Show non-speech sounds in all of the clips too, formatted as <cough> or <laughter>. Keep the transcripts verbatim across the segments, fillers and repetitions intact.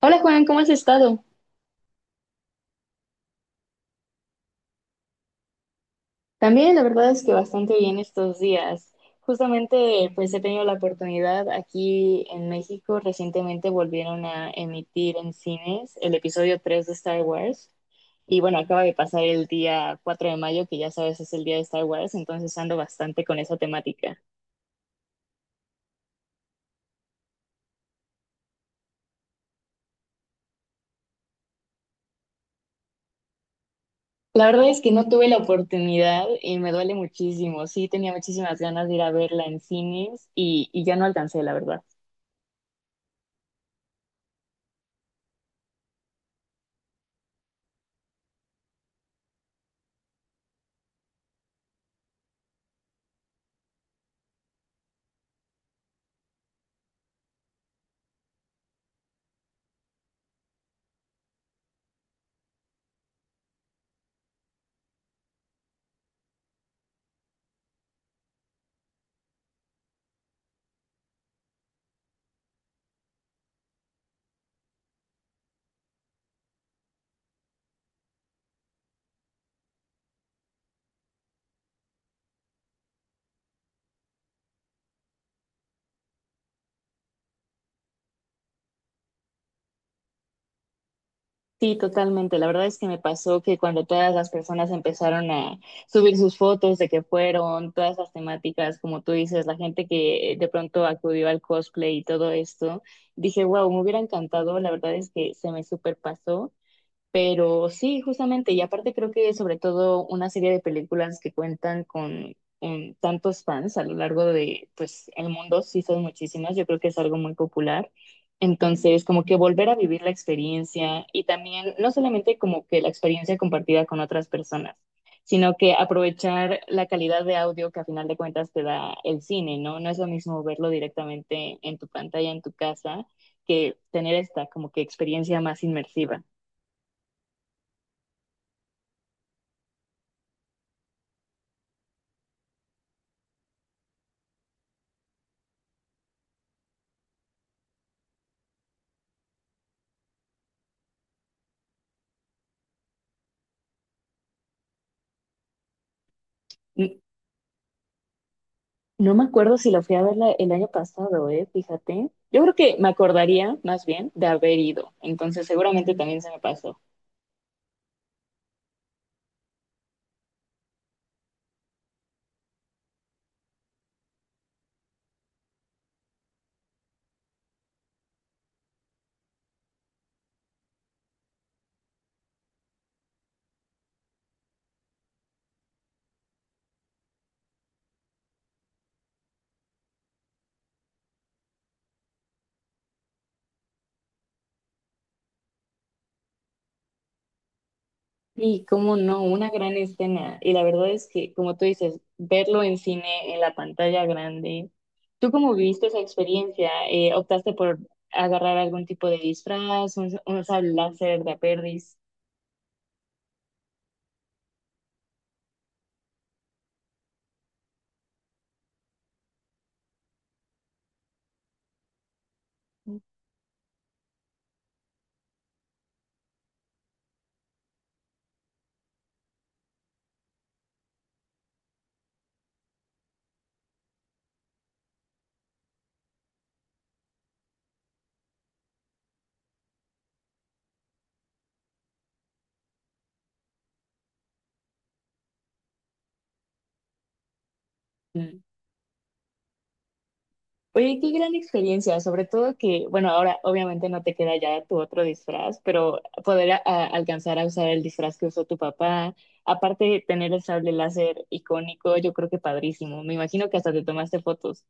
Hola Juan, ¿cómo has estado? También la verdad es que bastante bien estos días. Justamente pues he tenido la oportunidad aquí en México, recientemente volvieron a emitir en cines el episodio tres de Star Wars y bueno, acaba de pasar el día cuatro de mayo, que ya sabes es el día de Star Wars, entonces ando bastante con esa temática. La verdad es que no tuve la oportunidad y me duele muchísimo. Sí, tenía muchísimas ganas de ir a verla en cines y, y ya no alcancé, la verdad. Sí, totalmente. La verdad es que me pasó que cuando todas las personas empezaron a subir sus fotos de que fueron, todas las temáticas, como tú dices, la gente que de pronto acudió al cosplay y todo esto, dije, wow, me hubiera encantado. La verdad es que se me superpasó. Pero sí, justamente, y aparte creo que sobre todo una serie de películas que cuentan con em, tantos fans a lo largo de, pues, el mundo, sí son muchísimas, yo creo que es algo muy popular. Entonces, como que volver a vivir la experiencia y también, no solamente como que la experiencia compartida con otras personas, sino que aprovechar la calidad de audio que a final de cuentas te da el cine, ¿no? No es lo mismo verlo directamente en tu pantalla, en tu casa, que tener esta como que experiencia más inmersiva. No me acuerdo si la fui a ver la- el año pasado, ¿eh? Fíjate. Yo creo que me acordaría más bien de haber ido. Entonces seguramente también se me pasó. Y cómo no, una gran escena. Y la verdad es que, como tú dices, verlo en cine, en la pantalla grande. ¿Tú cómo viviste esa experiencia? Eh, ¿optaste por agarrar algún tipo de disfraz, un, un sable láser de Aperris? Oye, qué gran experiencia, sobre todo que, bueno, ahora obviamente no te queda ya tu otro disfraz, pero poder a- a- alcanzar a usar el disfraz que usó tu papá, aparte de tener el sable láser icónico, yo creo que padrísimo. Me imagino que hasta te tomaste fotos,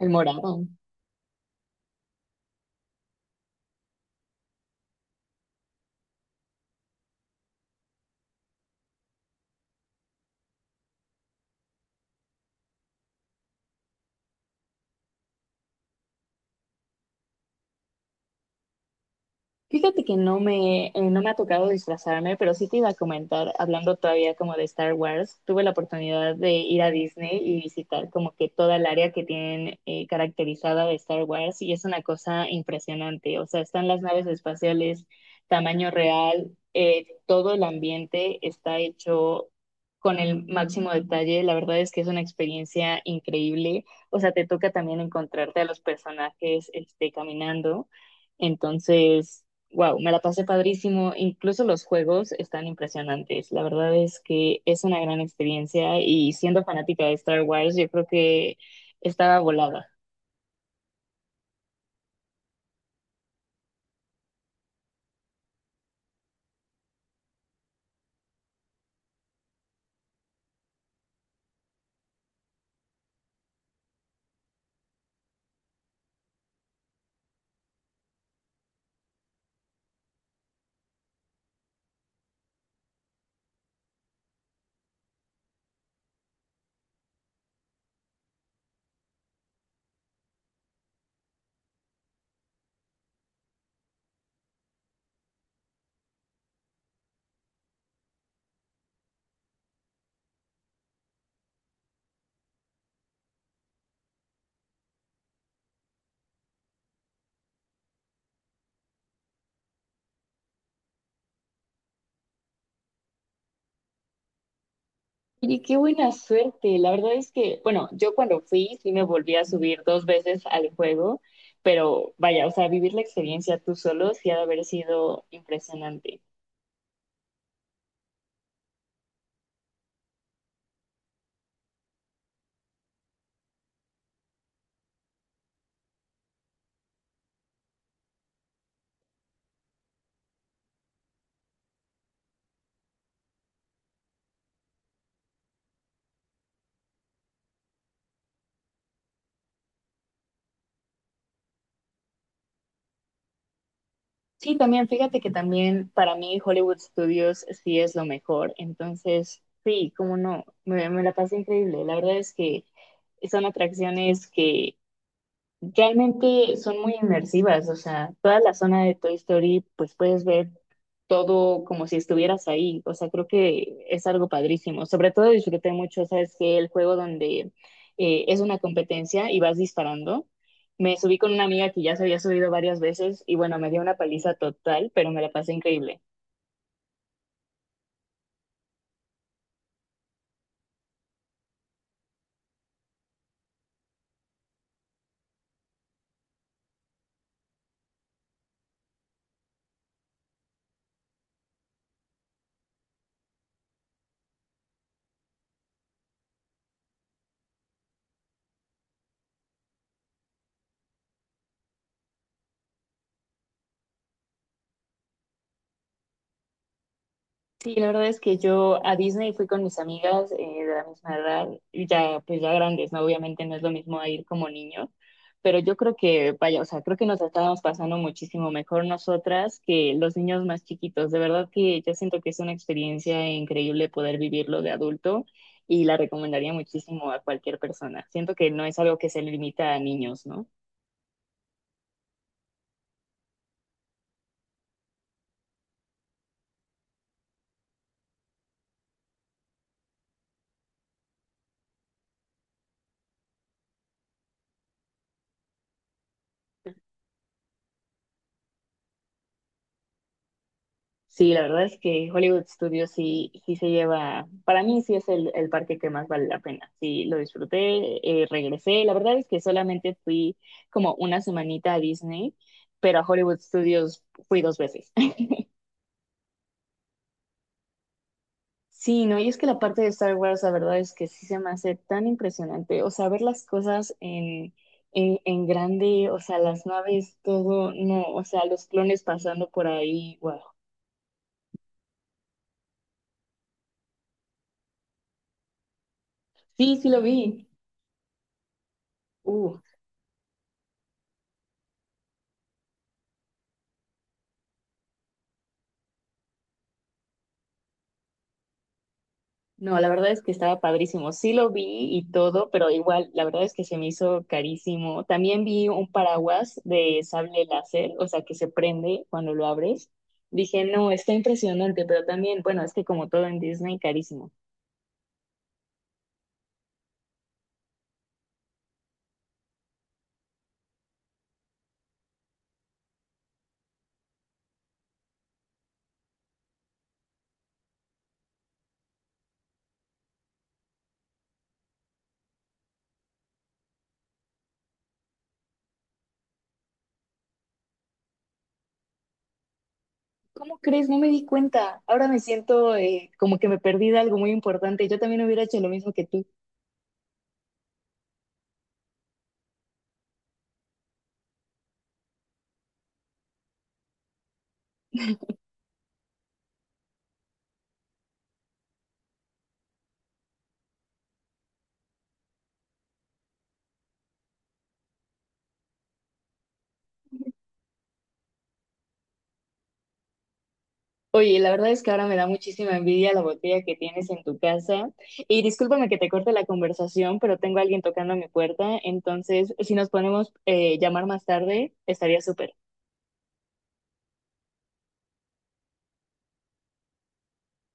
el morado. Fíjate que no me, eh, no me ha tocado disfrazarme, pero sí te iba a comentar, hablando todavía como de Star Wars, tuve la oportunidad de ir a Disney y visitar como que toda el área que tienen eh, caracterizada de Star Wars y es una cosa impresionante. O sea, están las naves espaciales, tamaño real, eh, todo el ambiente está hecho con el máximo detalle. La verdad es que es una experiencia increíble. O sea, te toca también encontrarte a los personajes este, caminando. Entonces... Wow, me la pasé padrísimo. Incluso los juegos están impresionantes. La verdad es que es una gran experiencia y siendo fanática de Star Wars, yo creo que estaba volada. Oye, qué buena suerte. La verdad es que, bueno, yo cuando fui sí me volví a subir dos veces al juego, pero vaya, o sea, vivir la experiencia tú solo sí ha de haber sido impresionante. Sí, también, fíjate que también para mí Hollywood Studios sí es lo mejor. Entonces, sí, cómo no, me, me la pasé increíble. La verdad es que son atracciones que realmente son muy inmersivas, o sea, toda la zona de Toy Story, pues puedes ver todo como si estuvieras ahí, o sea, creo que es algo padrísimo. Sobre todo disfruté mucho, sabes que el juego donde eh, es una competencia y vas disparando, me subí con una amiga que ya se había subido varias veces y bueno, me dio una paliza total, pero me la pasé increíble. Sí, la verdad es que yo a Disney fui con mis amigas eh, de la misma edad, y ya pues ya grandes, ¿no? Obviamente no es lo mismo a ir como niños, pero yo creo que, vaya, o sea, creo que nos estábamos pasando muchísimo mejor nosotras que los niños más chiquitos. De verdad que yo siento que es una experiencia increíble poder vivirlo de adulto y la recomendaría muchísimo a cualquier persona. Siento que no es algo que se limita a niños, ¿no? Sí, la verdad es que Hollywood Studios sí, sí se lleva, para mí sí es el, el parque que más vale la pena. Sí, lo disfruté, eh, regresé. La verdad es que solamente fui como una semanita a Disney, pero a Hollywood Studios fui dos veces. <laughs> Sí, no, y es que la parte de Star Wars, la verdad es que sí se me hace tan impresionante. O sea, ver las cosas en, en, en grande, o sea, las naves, todo, no, o sea, los clones pasando por ahí, wow. Sí, sí lo vi. Uh, No, la verdad es que estaba padrísimo. Sí lo vi y todo, pero igual, la verdad es que se me hizo carísimo. También vi un paraguas de sable láser, o sea, que se prende cuando lo abres. Dije, no, está impresionante, pero también, bueno, es que como todo en Disney, carísimo. ¿Cómo crees? No me di cuenta. Ahora me siento eh, como que me perdí de algo muy importante. Yo también hubiera hecho lo mismo que tú. Oye, la verdad es que ahora me da muchísima envidia la botella que tienes en tu casa. Y discúlpame que te corte la conversación, pero tengo a alguien tocando a mi puerta. Entonces, si nos ponemos eh, llamar más tarde, estaría súper.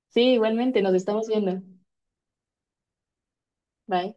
Sí, igualmente, nos estamos viendo. Bye.